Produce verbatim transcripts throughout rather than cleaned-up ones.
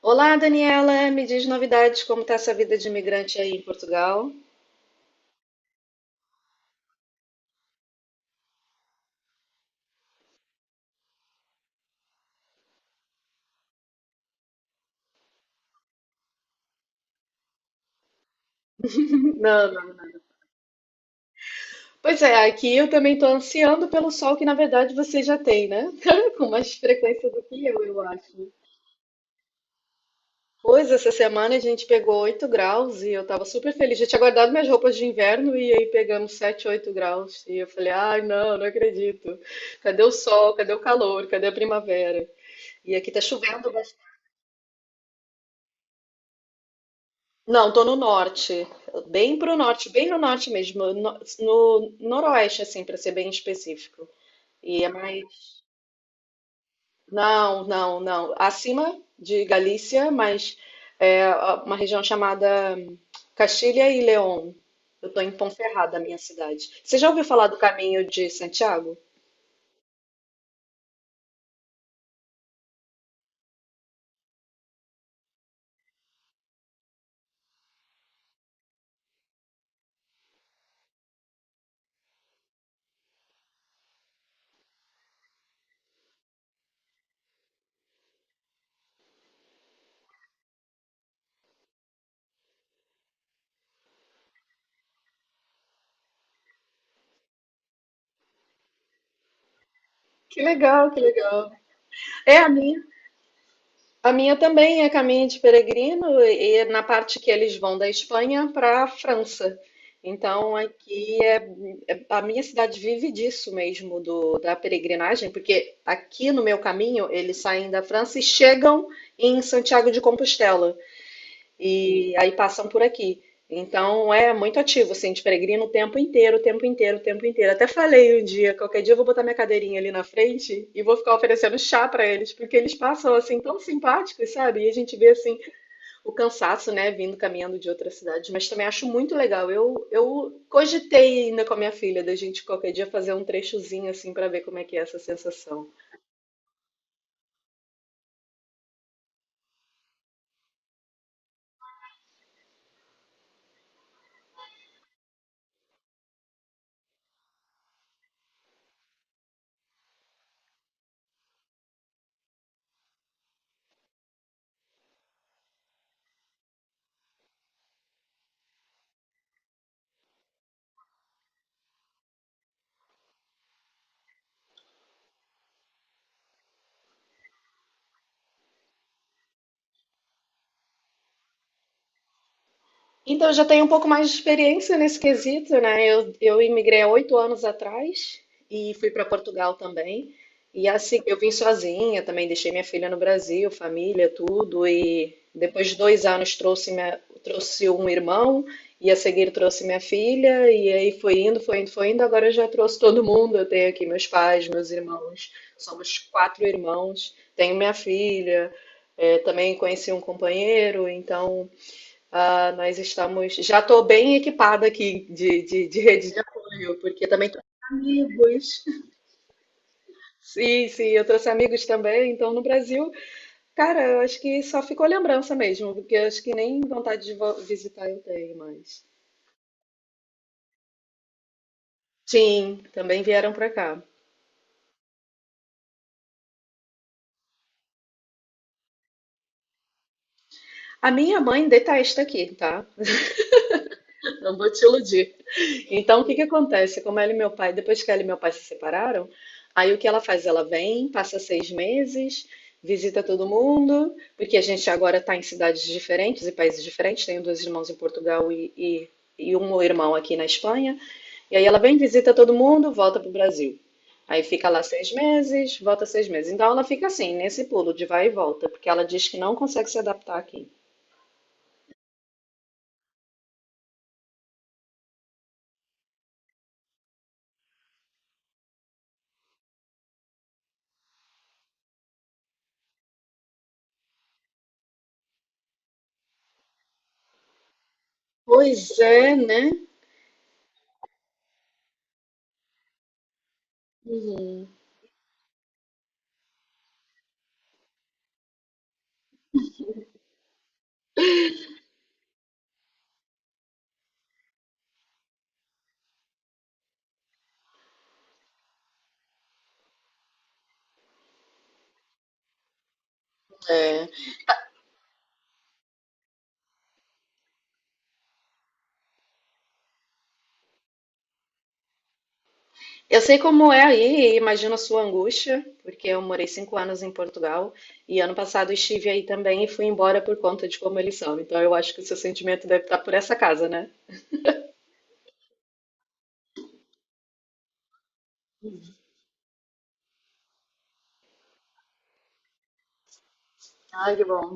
Olá, Daniela, me diz novidades, como está essa vida de imigrante aí em Portugal? Não, não. Pois é, aqui eu também estou ansiando pelo sol que na verdade você já tem, né? Com mais frequência do que eu, eu acho. Pois, essa semana a gente pegou oito graus e eu estava super feliz. Já tinha guardado minhas roupas de inverno e aí pegamos sete, oito graus. E eu falei, ai, não, não acredito. Cadê o sol? Cadê o calor? Cadê a primavera? E aqui tá chovendo. Não, tô no norte, bem pro norte, bem no norte mesmo, no, no noroeste, assim, para ser bem específico. E é mais. Não, não, não. Acima de Galícia, mas é uma região chamada Castilha e León. Eu tô em Ponferrada, minha cidade. Você já ouviu falar do Caminho de Santiago? Que legal, que legal. É a minha. A minha também é caminho de peregrino e na parte que eles vão da Espanha para a França. Então aqui é, é- a minha cidade vive disso mesmo do, da peregrinagem, porque aqui no meu caminho eles saem da França e chegam em Santiago de Compostela e aí passam por aqui. Então é muito ativo, assim, de peregrino o tempo inteiro, o tempo inteiro, o tempo inteiro. Até falei um dia, qualquer dia eu vou botar minha cadeirinha ali na frente e vou ficar oferecendo chá para eles, porque eles passam assim tão simpáticos, sabe? E a gente vê assim o cansaço, né, vindo caminhando de outras cidades. Mas também acho muito legal. Eu eu cogitei ainda com a minha filha da gente qualquer dia fazer um trechozinho assim para ver como é que é essa sensação. Então, eu já tenho um pouco mais de experiência nesse quesito, né? Eu, eu imigrei há oito anos atrás e fui para Portugal também. E assim, eu vim sozinha também, deixei minha filha no Brasil, família, tudo. E depois de dois anos trouxe, minha, trouxe um irmão e a seguir trouxe minha filha. E aí foi indo, foi indo, foi indo. Agora eu já trouxe todo mundo. Eu tenho aqui meus pais, meus irmãos. Somos quatro irmãos. Tenho minha filha. É, também conheci um companheiro, então ah, nós estamos. Já estou bem equipada aqui de, de, de rede de apoio, porque também trouxe amigos. Sim, sim, eu trouxe amigos também. Então, no Brasil, cara, eu acho que só ficou lembrança mesmo, porque eu acho que nem vontade de vo- visitar eu tenho, mas. Sim, também vieram para cá. A minha mãe detesta aqui, tá? Não vou te iludir. Então, o que que acontece? Como ela e meu pai, depois que ela e meu pai se separaram, aí o que ela faz? Ela vem, passa seis meses, visita todo mundo, porque a gente agora está em cidades diferentes e países diferentes. Tenho dois irmãos em Portugal e, e, e um irmão aqui na Espanha. E aí ela vem, visita todo mundo, volta para o Brasil. Aí fica lá seis meses, volta seis meses. Então ela fica assim, nesse pulo de vai e volta, porque ela diz que não consegue se adaptar aqui. Pois é, né? Uhum. É. Eu sei como é aí, e imagino a sua angústia, porque eu morei cinco anos em Portugal e ano passado estive aí também e fui embora por conta de como eles são. Então eu acho que o seu sentimento deve estar por essa casa, né? Ai, que bom.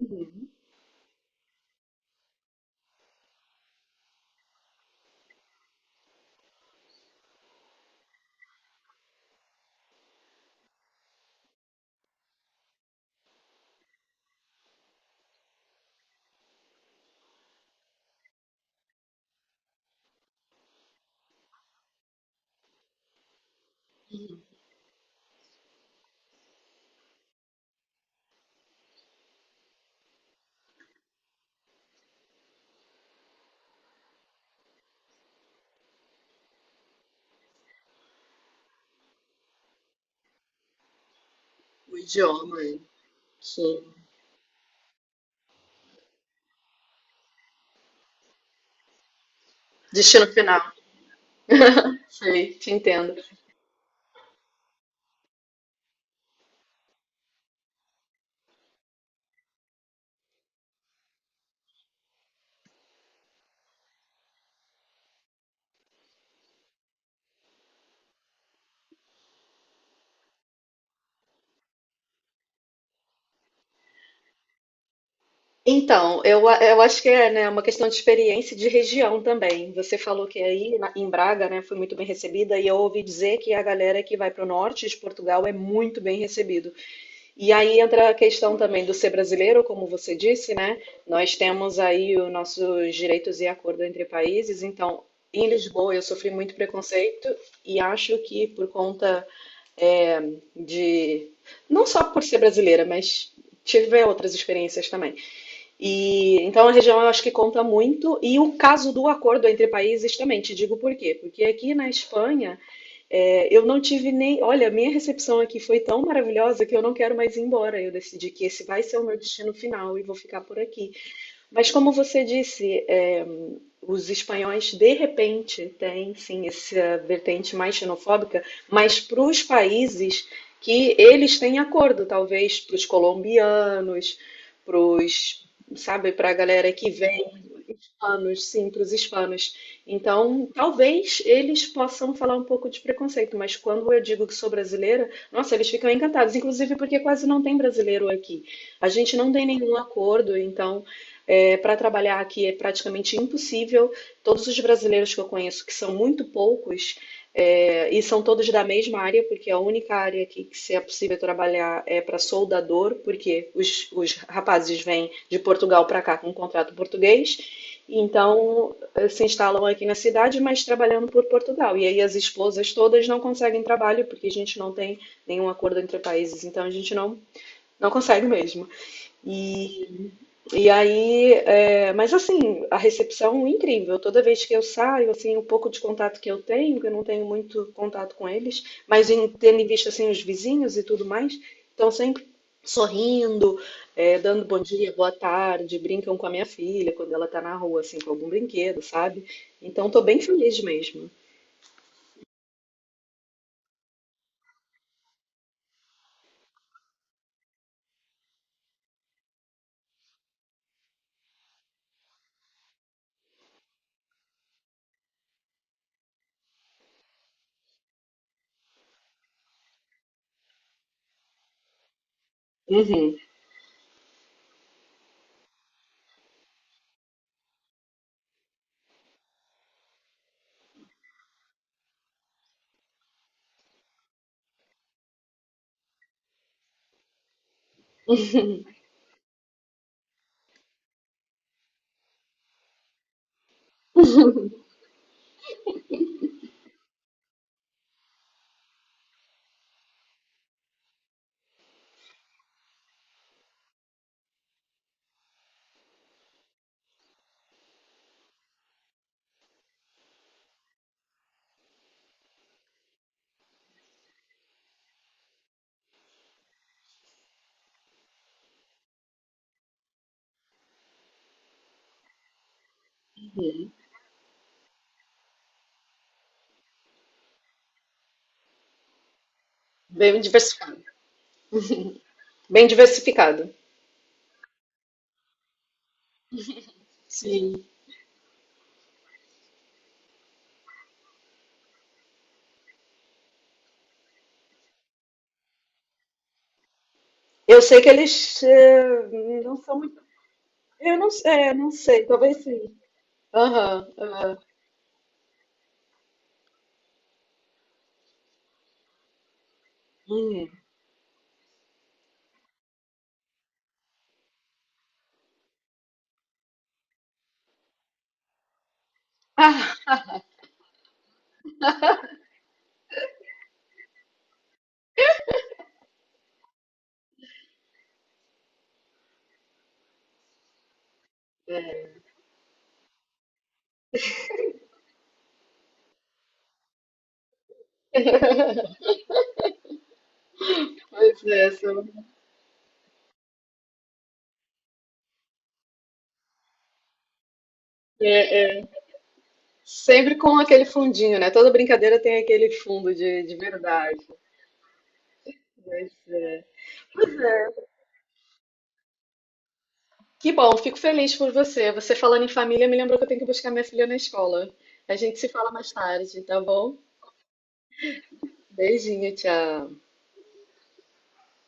Uhum. O idioma hein? Que destino final. Sei, te entendo. Então, eu, a- eu acho que é, né, uma questão de experiência e de região também. Você falou que aí na- em Braga, né, foi muito bem recebida, e eu ouvi dizer que a galera que vai para o norte de Portugal é muito bem recebida. E aí entra a questão também do ser brasileiro, como você disse, né? Nós temos aí os nossos direitos e acordo entre países, então em Lisboa eu sofri muito preconceito e acho que por conta é, de não só por ser brasileira, mas tive outras experiências também. E então a região eu acho que conta muito e o caso do acordo entre países também. Te digo por quê? Porque aqui na Espanha é, eu não tive nem. Olha, a minha recepção aqui foi tão maravilhosa que eu não quero mais ir embora. Eu decidi que esse vai ser o meu destino final e vou ficar por aqui. Mas como você disse, é, os espanhóis de repente têm sim essa vertente mais xenofóbica, mas para os países que eles têm acordo, talvez para os colombianos, para os, sabe, para a galera que vem, hispanos, sim, para os hispanos. Então, talvez eles possam falar um pouco de preconceito, mas quando eu digo que sou brasileira, nossa, eles ficam encantados, inclusive porque quase não tem brasileiro aqui. A gente não tem nenhum acordo, então é, para trabalhar aqui é praticamente impossível. Todos os brasileiros que eu conheço, que são muito poucos, é, e são todos da mesma área, porque a única área aqui que se é possível trabalhar é para soldador, porque os, os rapazes vêm de Portugal para cá com um contrato português, então eh, se instalam aqui na cidade, mas trabalhando por Portugal. E aí as esposas todas não conseguem trabalho, porque a gente não tem nenhum acordo entre países, então a gente não, não consegue mesmo. E, e aí, é, mas assim, a recepção é incrível. Toda vez que eu saio, assim, o pouco de contato que eu tenho, que eu não tenho muito contato com eles, mas em, tendo em vista assim os vizinhos e tudo mais, estão sempre sorrindo, é, dando bom dia, boa tarde, brincam com a minha filha quando ela tá na rua, assim, com algum brinquedo, sabe? Então, tô bem feliz mesmo. Uhum. Bem diversificado. Bem diversificado. Sim. Eu sei que eles eh, não são muito. Eu não, é, não sei, talvez sim. Aham, aham. Hum. Ah, pois é, são- é, é sempre com aquele fundinho, né? Toda brincadeira tem aquele fundo de, de verdade. Mas é. Que bom, fico feliz por você. Você falando em família me lembrou que eu tenho que buscar minha filha na escola. A gente se fala mais tarde, tá bom? Beijinho, tchau.